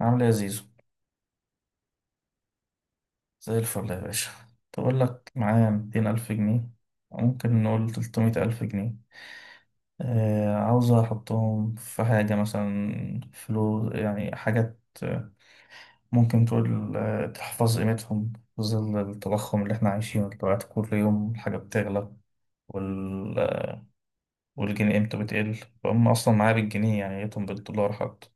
عامل ايه يا زيزو؟ زي الفل يا باشا. تقول لك معايا 200,000 جنيه، ممكن نقول 300,000 جنيه. عاوز أحطهم في حاجة مثلا، فلوس يعني، حاجات، ممكن تقول تحفظ قيمتهم في ظل التضخم اللي احنا عايشينه دلوقتي، كل يوم الحاجة بتغلى، وال... والجنيه قيمته بتقل، فهم أصلا معايا بالجنيه يعني قيمتهم بالدولار حتى.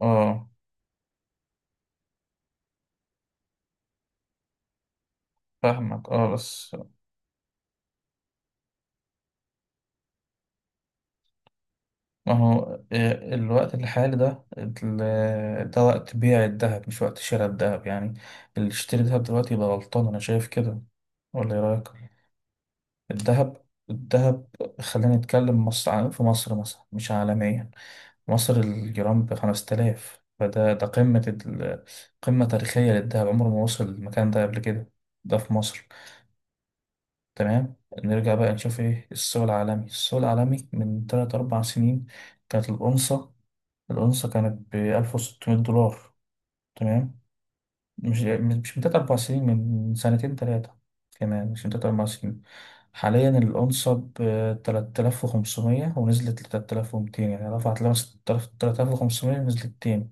اه، فاهمك، اه بس. ما هو الوقت الحالي ده ده وقت بيع الذهب مش وقت شراء الذهب يعني، اللي يشتري ذهب دلوقتي يبقى غلطان، أنا شايف كده. ولا إيه رأيك؟ الذهب، خلينا نتكلم مصر في مصر مثلا، مش عالميا. مصر الجرام بخمسة آلاف، فده ده قمة قمة تاريخية للذهب، عمره ما وصل المكان ده قبل كده. ده في مصر. تمام. نرجع بقى نشوف ايه السوق العالمي. السوق العالمي من تلات أربع سنين كانت الأونصة، الأونصة كانت بألف وستمية دولار. تمام. مش من تلات أربع سنين، من سنتين تلاتة، كمان مش من تلات أربع سنين. حاليا الأونصة بتلات آلاف وخمسمية، ونزلت لتلات آلاف ومتين، يعني رفعت لمس 3,500 ونزلت تاني.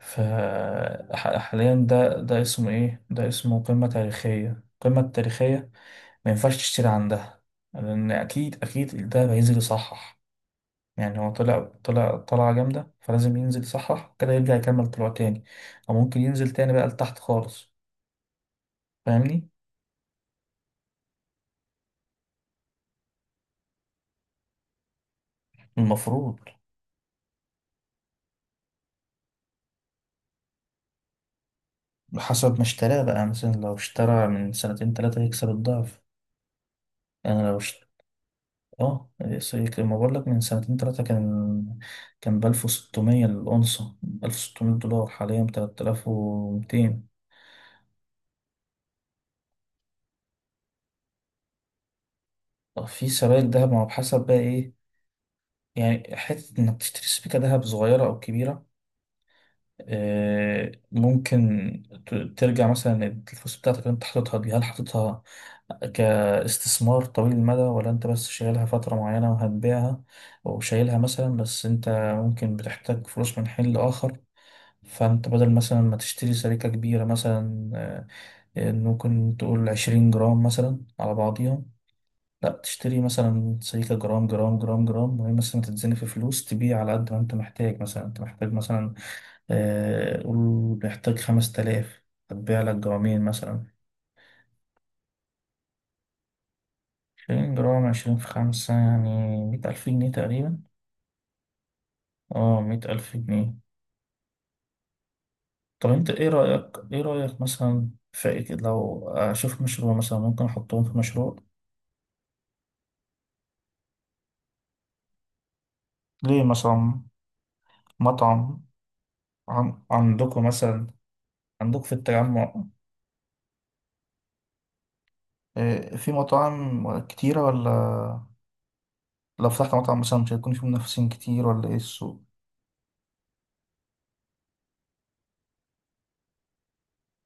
فحاليا ده اسمه إيه؟ ده اسمه قمة تاريخية، القمة التاريخية ما ينفعش تشتري عندها، لأن أكيد ده هينزل يصحح. يعني هو طلع طلعة جامدة، فلازم ينزل يصحح كده، يرجع يكمل طلوع تاني، أو ممكن ينزل تاني بقى لتحت خالص. فاهمني؟ المفروض. حسب ما اشتراه بقى، مثلا لو اشترى من سنتين تلاتة هيكسب الضعف. أنا لو اشت... اه، ما بقول لك من سنتين تلاتة كان، كان بألف وستمية الأونصة، بألف وستمية دولار، حاليا بتلات آلاف ومتين. في سبائك دهب، ما هو بحسب بقى إيه، يعني حتة إنك تشتري سبيكة دهب صغيرة أو كبيرة. ممكن ترجع مثلا الفلوس بتاعتك اللي انت حاططها دي، هل حاططها كاستثمار طويل المدى، ولا انت بس شايلها فترة معينة وهتبيعها؟ وشايلها مثلا بس انت ممكن بتحتاج فلوس من حين لآخر، فانت بدل مثلا ما تشتري سريكة كبيرة مثلا، ممكن تقول 20 جرام مثلا على بعضيها، لا تشتري مثلا سريكة جرام جرام جرام جرام، وهي مثلا تتزني في فلوس، تبيع على قد ما انت محتاج. مثلا انت محتاج مثلا، قول نحتاج 5,000، هتبيع لك جرامين مثلا. 20 جرام، 20 في 5 يعني 100,000 جنيه تقريبا. اه، 100,000 جنيه. طب انت ايه رأيك، ايه رأيك مثلا في إيه؟ لو أشوف مشروع مثلا ممكن أحطهم في مشروع. ليه مثلا؟ مطعم. عندكم مثلا، عندكم في التجمع في مطاعم كتيرة ولا؟ لو فتحت مطعم مثلا مش هيكون في منافسين كتير، ولا ايه السوق؟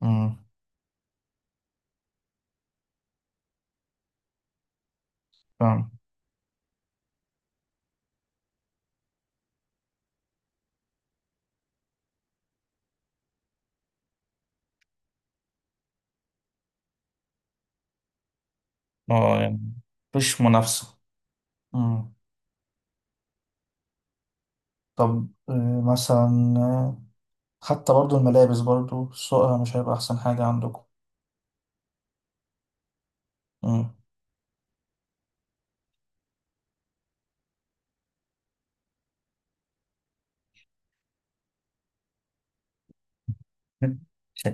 امم فاهم. اه يعني مفيش منافسة. مم. طب مثلا، حتى برضو الملابس، برضو سوقها مش هيبقى أحسن حاجة عندكم؟ مم. مش،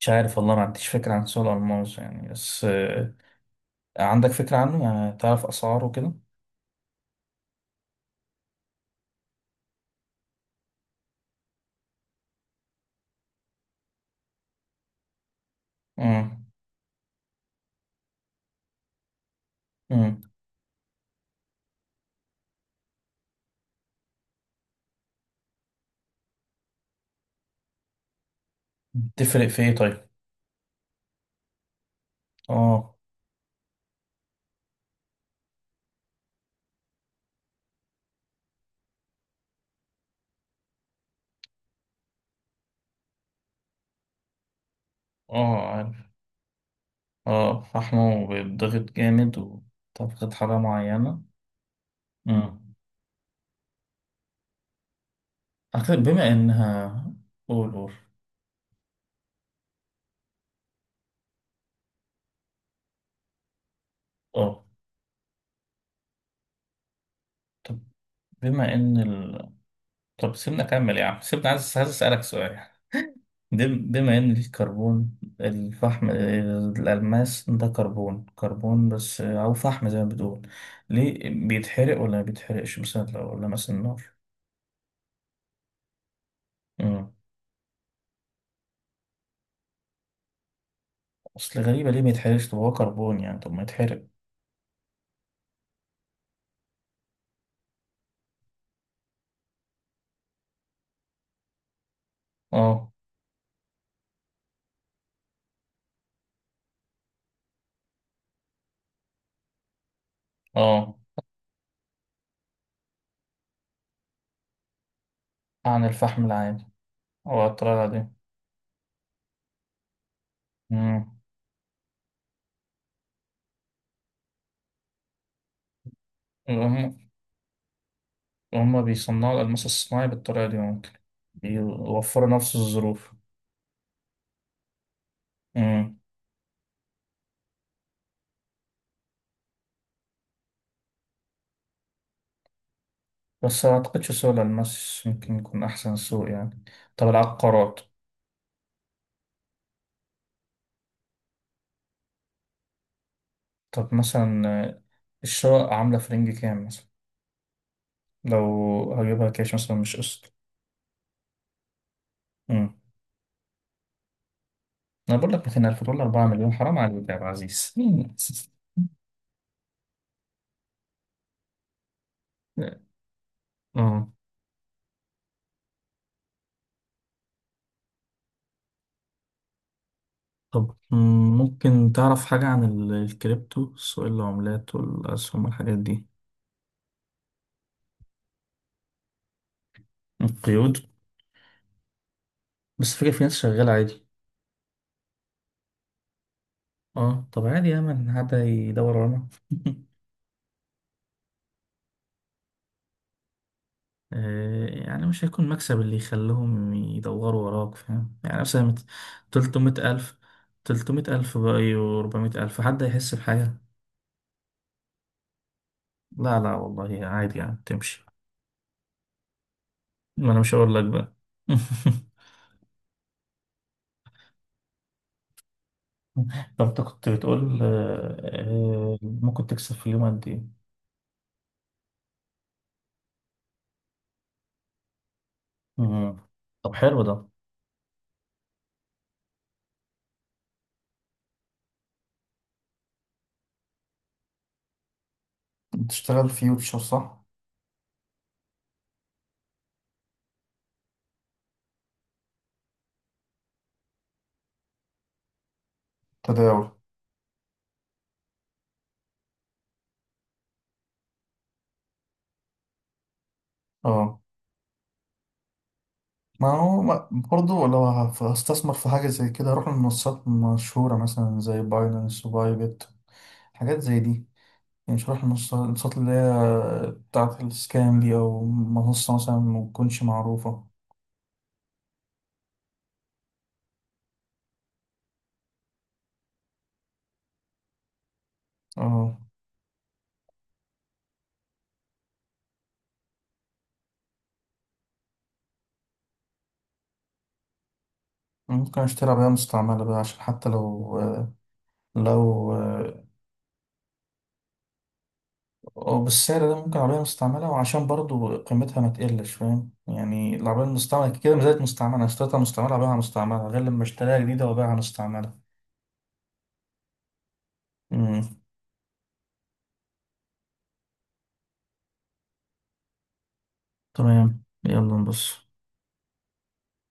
مش عارف والله، ما عنديش فكرة عن سوق الألماس يعني، بس عندك فكرة عنه يعني، تعرف أسعاره كده؟ مم. مم. تفرق في إيه طيب؟ آه. آه عارف. آه، فحمه بيتضغط جامد وتضغط حرارة معينة. مم. أعتقد بما إنها، قول قول. آه. طب، بما إن، طب سيبنا أكمل يا عم عايز أسألك سؤال. دي- بما إن الكربون الفحم الألماس ده كربون بس، أو فحم زي ما بتقول، ليه بيتحرق، ولا ما بيتحرقش مثلا لو، ولا مثلا النار؟ مم. أصل غريبة، ليه ما يتحرقش؟ طب هو كربون يعني، طب ما يتحرق. أه. أه، عن الفحم العادي، أو على الطريقة دي. مم. هم، هما بيصنعوا الألماس الصناعي بالطريقة دي ممكن؟ بيوفروا نفس الظروف؟ بس ما أعتقدش سوق الألماس ممكن يكون أحسن سوق يعني. طب العقارات؟ طب مثلا، آه، الشقق عاملة في رينج كام مثلا لو هجيبها كاش مثلا مش قسط؟ أمم. أنا بقول لك $200,000، 4 مليون حرام عليك يا عبد العزيز. اه. طب ممكن تعرف حاجة عن الكريبتو، سوق العملات والأسهم والحاجات دي؟ القيود. بس فكرة في ناس شغالة عادي. اه، طب عادي يا من، حد يدور ورانا؟ يعني مش هيكون مكسب اللي يخليهم يدوروا وراك، فاهم يعني مثلا 300 ألف، 300 ألف بقى و400 ألف، حد هيحس بحاجة؟ لا لا والله عادي يعني، تمشي. ما أنا مش هقول لك بقى. طب أنت كنت بتقول ممكن تكسب في اليوم قد إيه؟ مم. طب حلو ده. بتشتغل فيوتشر صح؟ تداول. اه. ما هو ما- برضه لو هستثمر في حاجة زي كده، هروح لمنصات مشهورة مثلا، زي باينانس وبايبت، حاجات زي دي، يعني مش هروح للمنصات اللي هي بتاعة السكام دي، أو منصة مثلا متكونش معروفة. اه. ممكن أشتري عربية مستعملة بقى، عشان حتى لو لو أو بالسعر ده ممكن عربية مستعملة، وعشان برضه قيمتها ما تقلش، فاهم يعني العربية المستعملة كده ما زالت مستعملة، أنا اشتريتها مستعملة أبيعها مستعملة، غير لما اشتريها جديدة وأبيعها مستعملة. تمام، يلا نبص.